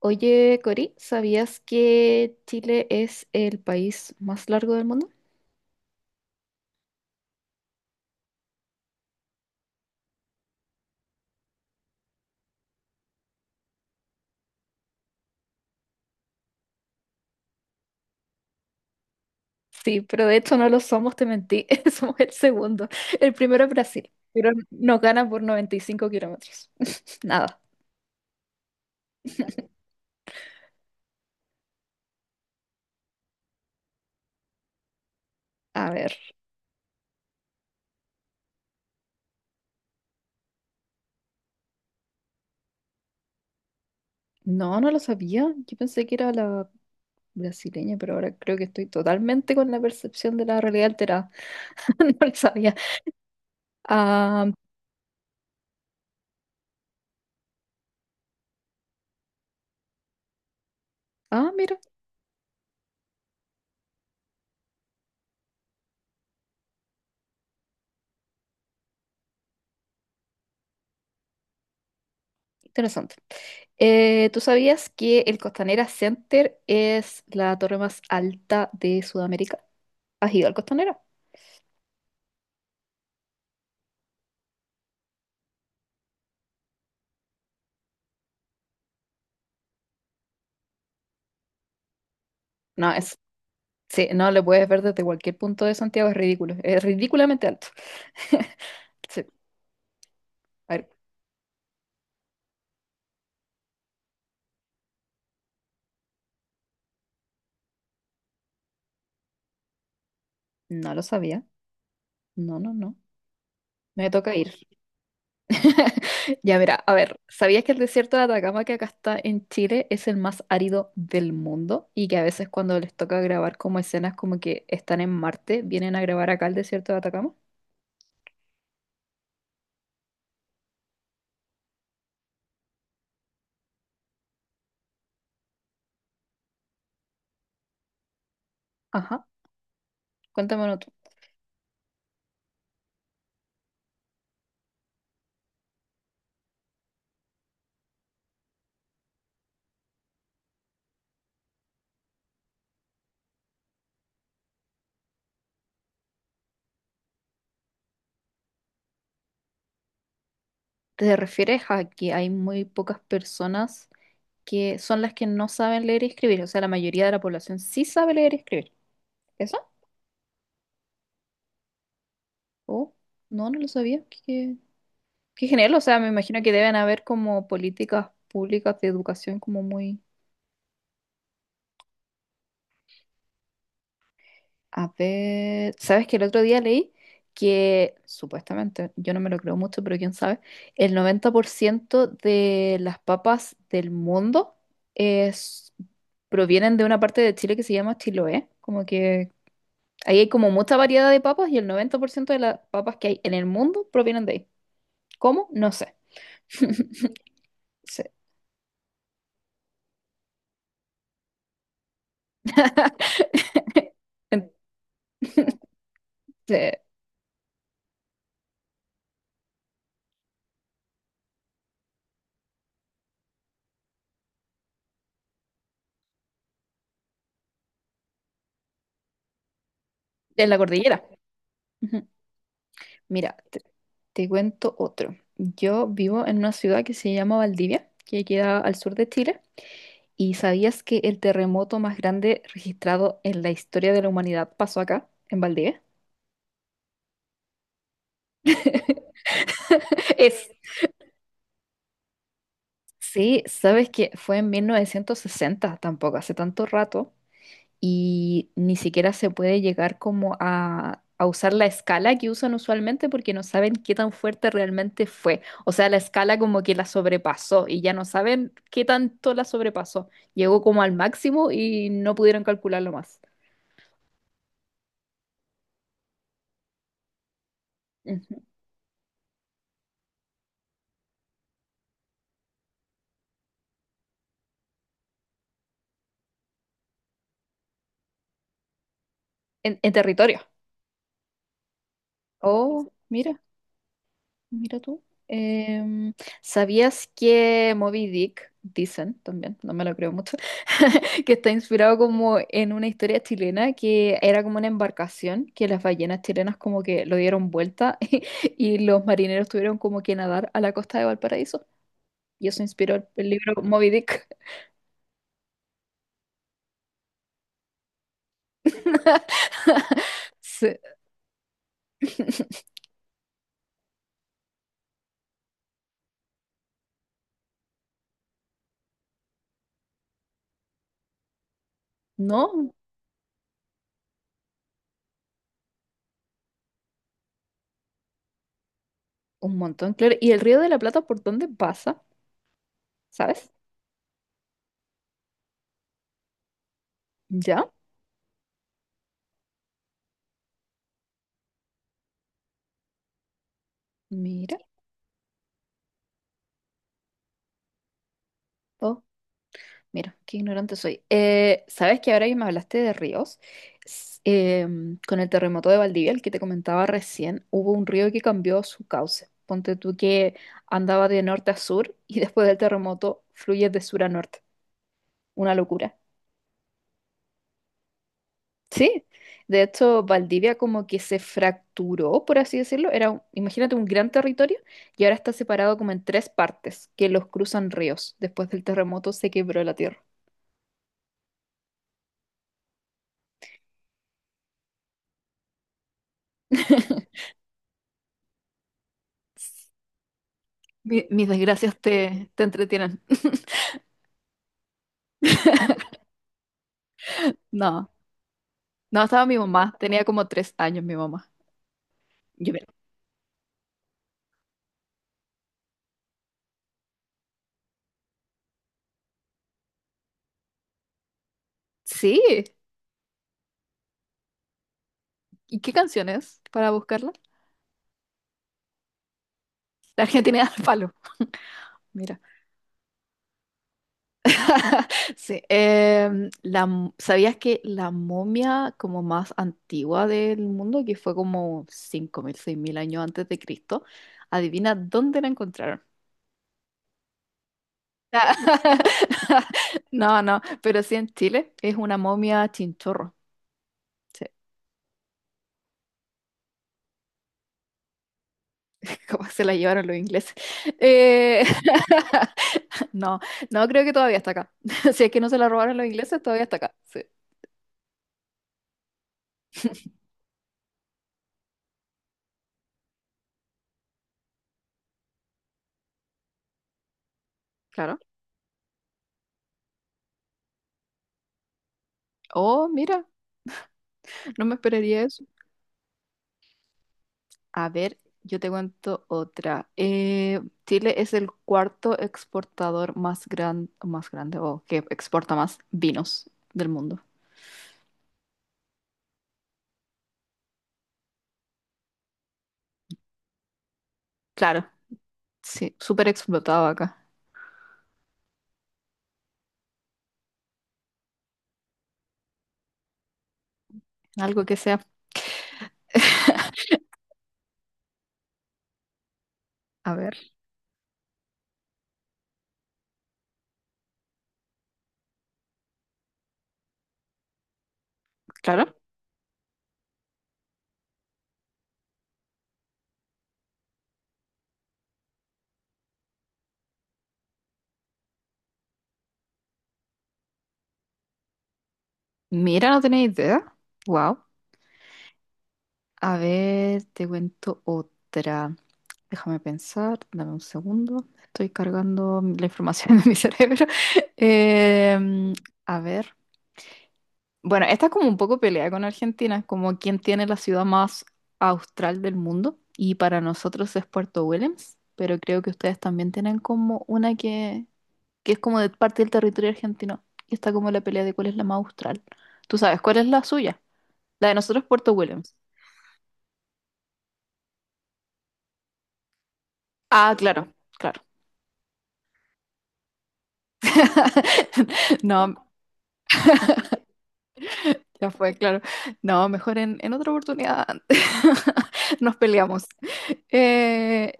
Oye, Cori, ¿sabías que Chile es el país más largo del mundo? Sí, pero de hecho no lo somos, te mentí. Somos el segundo. El primero es Brasil, pero nos gana por 95 kilómetros. Nada. A ver. No, no lo sabía. Yo pensé que era la brasileña, pero ahora creo que estoy totalmente con la percepción de la realidad alterada. No lo sabía. Ah, ah, mira. Interesante. ¿Tú sabías que el Costanera Center es la torre más alta de Sudamérica? ¿Has ido al Costanera? No, sí, no le puedes ver desde cualquier punto de Santiago, es ridículo, es ridículamente alto. Sí, a ver, no lo sabía. No, no, no. Me toca ir. Ya, mira, a ver, ¿sabías que el desierto de Atacama que acá está en Chile es el más árido del mundo? Y que a veces cuando les toca grabar como escenas como que están en Marte, vienen a grabar acá el desierto de Atacama. Ajá. Cuéntamelo tú. ¿Te refieres a que hay muy pocas personas que son las que no saben leer y escribir? O sea, la mayoría de la población sí sabe leer y escribir. ¿Eso? Oh, no, no lo sabía. Qué genial. O sea, me imagino que deben haber como políticas públicas de educación como muy. A ver, ¿sabes que el otro día leí que supuestamente, yo no me lo creo mucho, pero quién sabe, el 90% de las papas del mundo es, provienen de una parte de Chile que se llama Chiloé, como que ahí hay como mucha variedad de papas y el 90% de las papas que hay en el mundo provienen de ahí. ¿Cómo? No sé. Sí. En, de- en la cordillera. Ujú. Mira, te cuento otro. Yo vivo en una ciudad que se llama Valdivia, que queda al sur de Chile. ¿Y sabías que el terremoto más grande registrado en la historia de la humanidad pasó acá, en Valdivia? Es, sí, sabes que fue en 1960, tampoco hace tanto rato, y ni siquiera se puede llegar como a usar la escala que usan usualmente porque no saben qué tan fuerte realmente fue. O sea, la escala como que la sobrepasó y ya no saben qué tanto la sobrepasó. Llegó como al máximo y no pudieron calcularlo más. Ujú. En territorio. Oh, mira. Mira tú. Em, ¿Sabías que Moby Dick, dicen también, no me lo creo mucho, que está inspirado como en una historia chilena que era como una embarcación que las ballenas chilenas como que lo dieron vuelta y los marineros tuvieron como que nadar a la costa de Valparaíso? Y eso inspiró el libro Moby Dick. Sí. No, un montón, claro. ¿Y el Río de la Plata por dónde pasa? ¿Sabes? ¿Ya? Mira. Oh. Mira, qué ignorante soy. ¿Sabes que ahora que me hablaste de ríos? Con el terremoto de Valdivia, el que te comentaba recién, hubo un río que cambió su cauce. Ponte tú que andaba de norte a sur y después del terremoto fluye de sur a norte. Una locura. Sí, de hecho, Valdivia como que se fracturó, por así decirlo. Imagínate, un gran territorio y ahora está separado como en tres partes que los cruzan ríos. Después del terremoto se quebró la tierra. Mis desgracias te entretienen. No, no, estaba mi mamá. Tenía como 3 años mi mamá. Yo me- Sí. ¿Y qué canciones para buscarla? La Argentina al palo. Mira. Sí. ¿Sabías que la momia como más antigua del mundo, que fue como 5000 6000 años antes de Cristo, adivina dónde la encontraron? No, no, pero sí en Chile es una momia chinchorro. Sí. Como se la llevaron los ingleses. Eh, no, no creo que todavía está acá. Si es que no se la robaron los ingleses, todavía está acá. Sí, claro. Oh, mira, no me esperaría eso. A ver, yo te cuento otra. Chile es el cuarto exportador más grande, o que exporta más vinos del mundo. Claro, sí, súper explotado acá. Algo que sea, a ver, claro. Mira, no tenía idea. Wow. A ver, te cuento otra. Déjame pensar, dame un segundo. Estoy cargando la información de mi cerebro. Em, a ver. Bueno, esta es como un poco pelea con Argentina, como quién tiene la ciudad más austral del mundo. Y para nosotros es Puerto Williams, pero creo que ustedes también tienen como una que es como de parte del territorio argentino. Y está como la pelea de cuál es la más austral. ¿Tú sabes cuál es la suya? La de nosotros es Puerto Williams. Ah, claro, claro. No, ya fue, claro. No, mejor en otra oportunidad nos peleamos. Eh,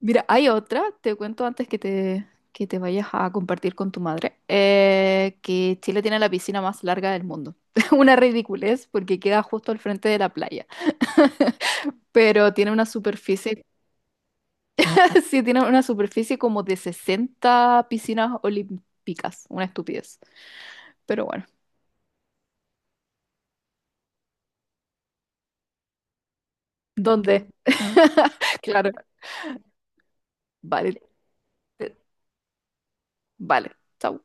mira, hay otra, te cuento antes que te vayas a compartir con tu madre, que Chile tiene la piscina más larga del mundo. Una ridiculez porque queda justo al frente de la playa, pero tiene una superficie, sí, tiene una superficie como de 60 piscinas olímpicas, una estupidez. Pero bueno, ¿dónde? Claro, vale. Vale, chao.